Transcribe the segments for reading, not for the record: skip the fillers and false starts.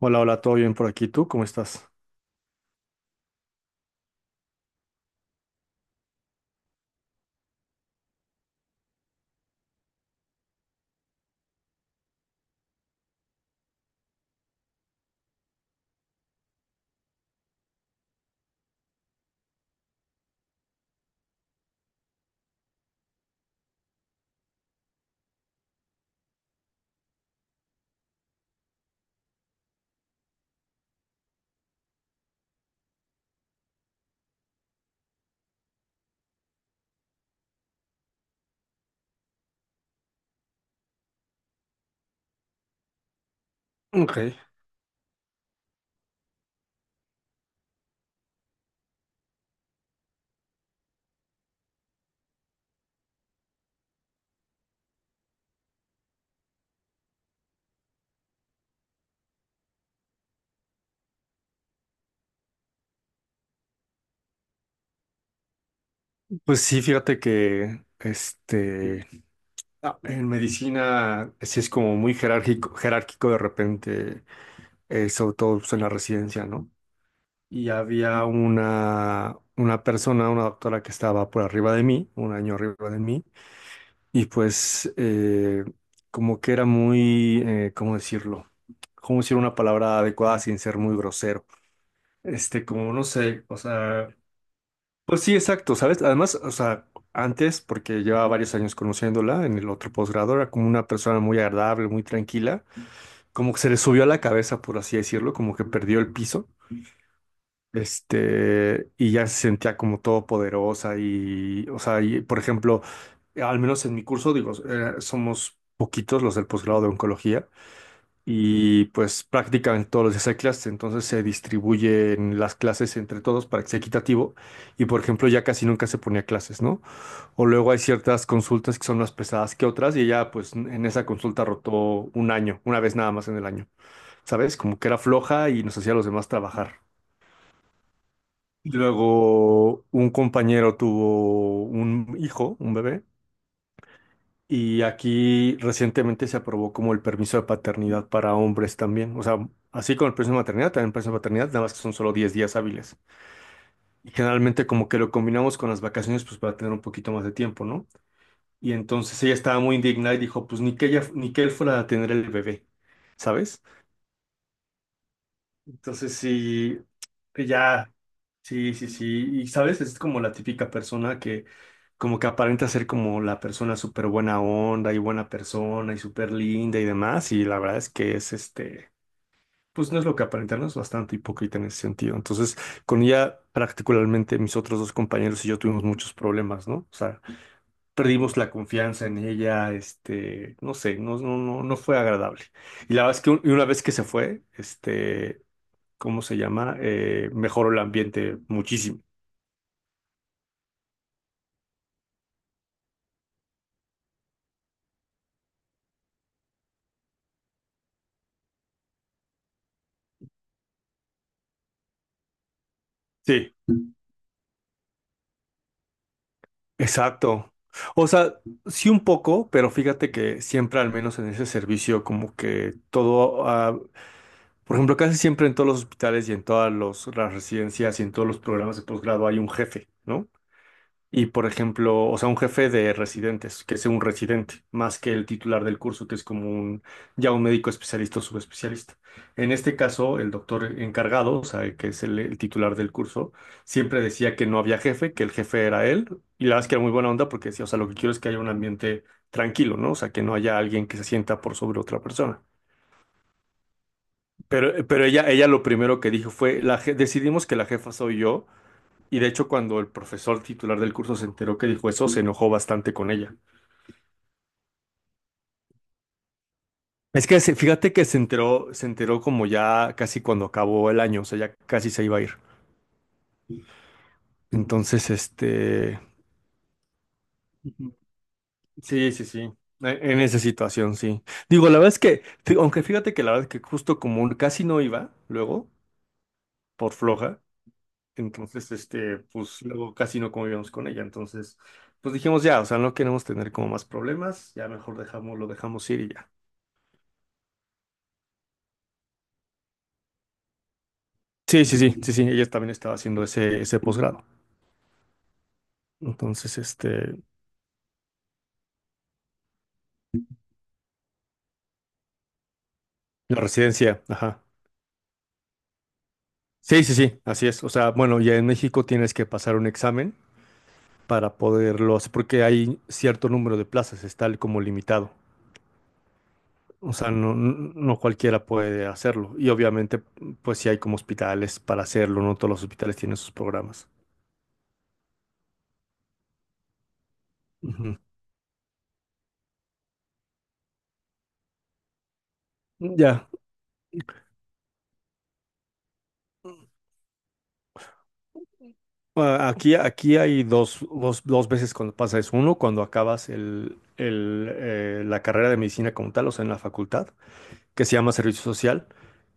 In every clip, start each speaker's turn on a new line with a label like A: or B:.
A: Hola, hola, ¿todo bien por aquí? ¿Tú cómo estás? Ok. Pues sí, fíjate que este en medicina sí es como muy jerárquico, jerárquico de repente, sobre todo pues, en la residencia, ¿no? Y había una persona, una doctora que estaba por arriba de mí, un año arriba de mí, y pues como que era muy, ¿cómo decirlo? ¿Cómo decir una palabra adecuada sin ser muy grosero? Este, como no sé, o sea. Pues sí, exacto, ¿sabes? Además, o sea, antes, porque llevaba varios años conociéndola en el otro posgrado, era como una persona muy agradable, muy tranquila, como que se le subió a la cabeza, por así decirlo, como que perdió el piso, este, y ya se sentía como todopoderosa y, o sea, y, por ejemplo, al menos en mi curso, digo, somos poquitos los del posgrado de oncología y pues prácticamente todos los días hay clases, entonces se distribuyen las clases entre todos para que sea equitativo y, por ejemplo, ya casi nunca se ponía clases, ¿no? O luego hay ciertas consultas que son más pesadas que otras y ella pues en esa consulta rotó un año, una vez nada más en el año, ¿sabes? Como que era floja y nos hacía a los demás trabajar. Y luego un compañero tuvo un hijo, un bebé, y aquí recientemente se aprobó como el permiso de paternidad para hombres también. O sea, así como el permiso de maternidad, también el permiso de paternidad, nada más que son solo 10 días hábiles. Y generalmente como que lo combinamos con las vacaciones pues para tener un poquito más de tiempo, ¿no? Y entonces ella estaba muy indignada y dijo, pues ni que ella, ni que él fuera a tener el bebé, ¿sabes? Entonces sí, ya, sí, sí, sí. Y sabes, es como la típica persona que como que aparenta ser como la persona súper buena onda y buena persona y súper linda y demás. Y la verdad es que es este, pues no es lo que aparenta, no es bastante hipócrita en ese sentido. Entonces, con ella particularmente mis otros dos compañeros y yo tuvimos muchos problemas, ¿no? O sea, perdimos la confianza en ella, este, no sé, no, no, no, no fue agradable. Y la verdad es que y una vez que se fue, este, ¿cómo se llama? Mejoró el ambiente muchísimo. Sí, exacto. O sea, sí un poco, pero fíjate que siempre, al menos en ese servicio, como que todo, por ejemplo, casi siempre en todos los hospitales y en todas las residencias y en todos los programas de posgrado hay un jefe, ¿no? Y por ejemplo, o sea, un jefe de residentes, que sea un residente, más que el titular del curso, que es como un, ya un médico especialista o subespecialista. En este caso, el doctor encargado, o sea, que es el titular del curso, siempre decía que no había jefe, que el jefe era él, y la verdad es que era muy buena onda porque decía, o sea, lo que quiero es que haya un ambiente tranquilo, ¿no? O sea, que no haya alguien que se sienta por sobre otra persona. Pero ella, ella lo primero que dijo fue, la, decidimos que la jefa soy yo y de hecho, cuando el profesor titular del curso se enteró que dijo eso, se enojó bastante con ella. Es que fíjate que se enteró como ya casi cuando acabó el año, o sea, ya casi se iba a ir. Entonces, este, Ujú. Sí, sí, sí. E- En esa situación, sí. Digo, la verdad es que, aunque fíjate que la verdad es que justo como casi no iba, luego, por floja, entonces, este, pues luego casi no convivíamos con ella. Entonces, pues dijimos ya, o sea, no queremos tener como más problemas, ya mejor dejamos, lo dejamos ir y ya. Sí, sí, sí, sí, sí, ella también estaba haciendo ese, ese posgrado. Entonces, este, la residencia, ajá. Sí, sí, sí, así es. O sea, bueno, ya en México tienes que pasar un examen para poderlo hacer, porque hay cierto número de plazas, está como limitado. O sea, no, no no cualquiera puede hacerlo. Y obviamente, pues sí hay como hospitales para hacerlo, no todos los hospitales tienen sus programas. Ujú. Ya, ah, aquí hay dos, dos, dos veces cuando pasa eso. Uno, cuando acabas la carrera de medicina como tal, o sea, en la facultad, que se llama servicio social,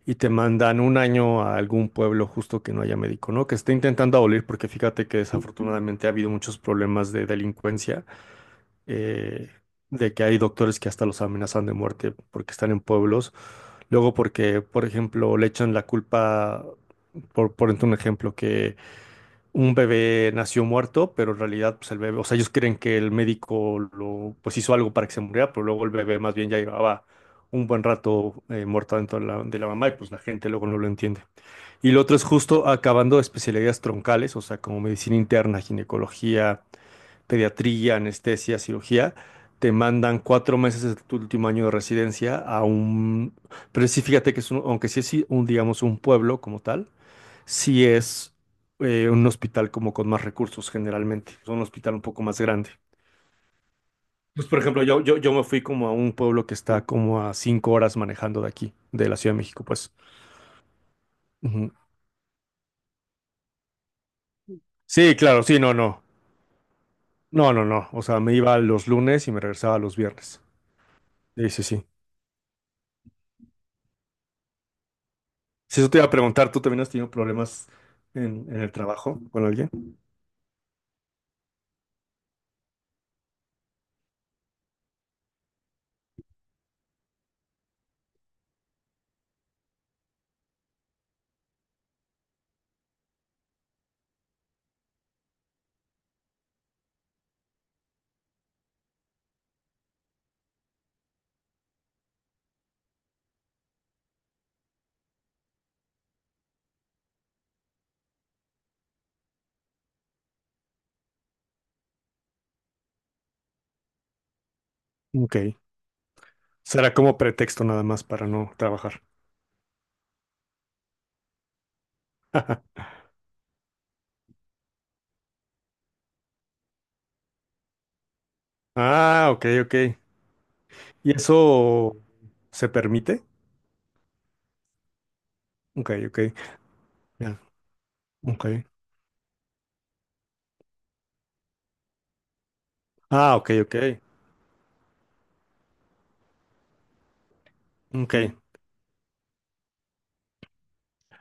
A: y te mandan un año a algún pueblo justo que no haya médico, ¿no? Que esté intentando abolir, porque fíjate que desafortunadamente ha habido muchos problemas de delincuencia, eh, de que hay doctores que hasta los amenazan de muerte porque están en pueblos. Luego porque, por ejemplo, le echan la culpa, por ejemplo, un ejemplo, que un bebé nació muerto, pero en realidad, pues el bebé, o sea, ellos creen que el médico lo, pues hizo algo para que se muriera, pero luego el bebé más bien ya llevaba un buen rato muerto dentro de la mamá y pues la gente luego no lo entiende. Y lo otro es justo acabando especialidades troncales, o sea, como medicina interna, ginecología, pediatría, anestesia, cirugía. Te mandan 4 meses de tu último año de residencia a un... Pero sí, fíjate que es un, aunque sí es sí, un, digamos, un pueblo como tal, si es un hospital como con más recursos generalmente, es un hospital un poco más grande. Pues, por ejemplo, yo me fui como a un pueblo que está como a 5 horas manejando de aquí, de la Ciudad de México, pues. Ujú. Sí, claro, sí, no, no. No, no, no. O sea, me iba los lunes y me regresaba los viernes. Sí, sí, sí. Si eso te iba a preguntar, ¿tú también has tenido problemas en el trabajo con alguien? Ok. Será como pretexto nada más para no trabajar. Ah, ok, ok. ¿Y eso se permite? Ok, ok. Ya, ok. Ah, ok, ok. Ok.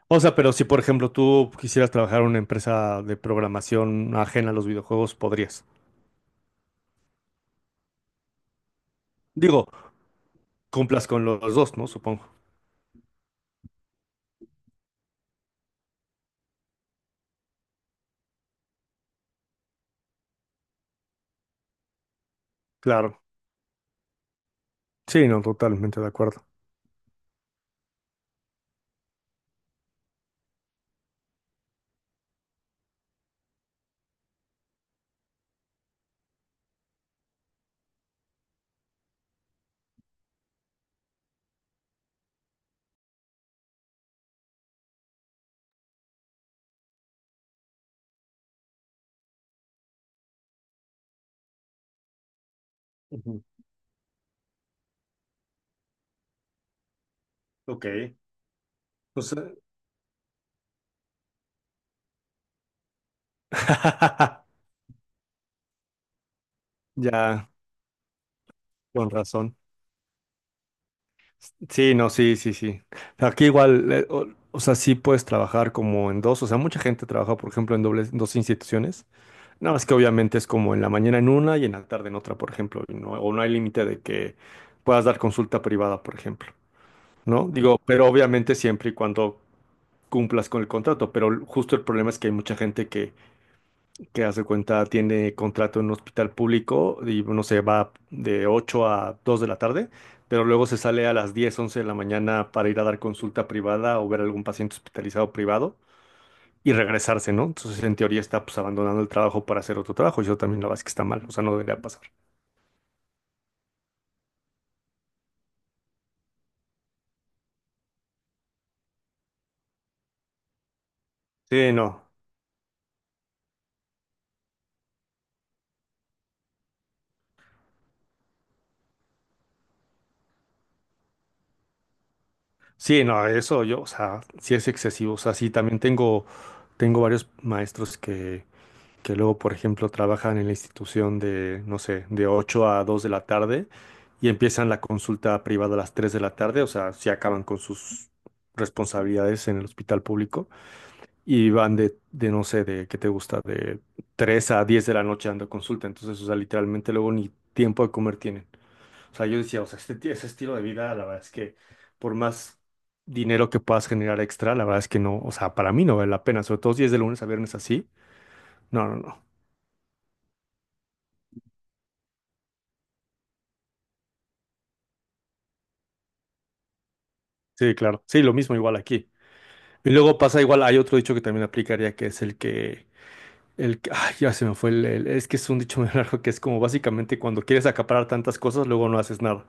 A: O sea, pero si por ejemplo tú quisieras trabajar en una empresa de programación ajena a los videojuegos, podrías. Digo, cumplas con lo- los dos, ¿no? Supongo. Claro. Sí, no, totalmente de acuerdo. Ujú. Ok. O sea, ya, con razón. Sí, no, sí, sí, sí. Aquí igual, o sea, sí puedes trabajar como en dos. O sea, mucha gente trabaja, por ejemplo, en dobles, en dos instituciones. No, es que obviamente es como en la mañana en una y en la tarde en otra, por ejemplo, y no, o no hay límite de que puedas dar consulta privada, por ejemplo, ¿no? Digo, pero obviamente siempre y cuando cumplas con el contrato, pero justo el problema es que hay mucha gente que hace cuenta, tiene contrato en un hospital público y, no sé, va de 8 a 2 de la tarde, pero luego se sale a las 10, 11 de la mañana para ir a dar consulta privada o ver algún paciente hospitalizado privado y regresarse, ¿no? Entonces, en teoría está pues abandonando el trabajo para hacer otro trabajo. Yo también la verdad es que está mal, o sea, no debería pasar. Sí, no. Sí, no, eso yo, o sea, sí es excesivo. O sea, sí, también tengo, tengo varios maestros que luego, por ejemplo, trabajan en la institución de, no sé, de 8 a 2 de la tarde y empiezan la consulta privada a las 3 de la tarde. O sea, sí acaban con sus responsabilidades en el hospital público. Y van de, no sé, de qué te gusta, de 3 a 10 de la noche dando consulta. Entonces, o sea, literalmente luego ni tiempo de comer tienen. O sea, yo decía, o sea, este, ese estilo de vida, la verdad es que por más dinero que puedas generar extra, la verdad es que no, o sea, para mí no vale la pena, sobre todo si es de lunes a viernes así. No, no, no. Sí, claro. Sí, lo mismo igual aquí. Y luego pasa igual, hay otro dicho que también aplicaría que es el que, ay, ya se me fue es que es un dicho muy largo que es como básicamente cuando quieres acaparar tantas cosas, luego no haces nada.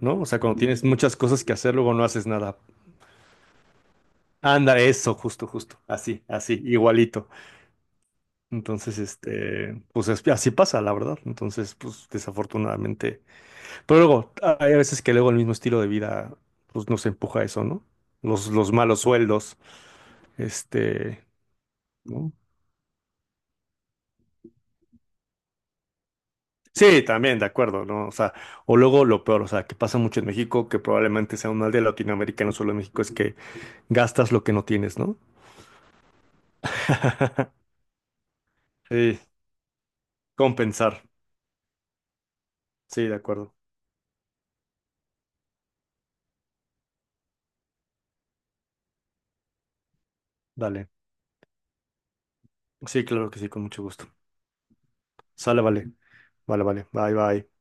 A: ¿No? O sea, cuando tienes muchas cosas que hacer, luego no haces nada. Anda, eso, justo, justo. Así, así, igualito. Entonces, este, pues así pasa, la verdad. Entonces, pues desafortunadamente. Pero luego, hay veces que luego el mismo estilo de vida, pues nos empuja a eso, ¿no? Los malos sueldos, este, ¿no? Sí, también, de acuerdo, ¿no? O sea, o luego lo peor, o sea, que pasa mucho en México, que probablemente sea un mal de Latinoamérica, no solo en México, es que gastas lo que no tienes, ¿no? Sí, compensar. Sí, de acuerdo. Dale. Sí, claro que sí, con mucho gusto. Sale, vale. Vale, vale. Bye, bye.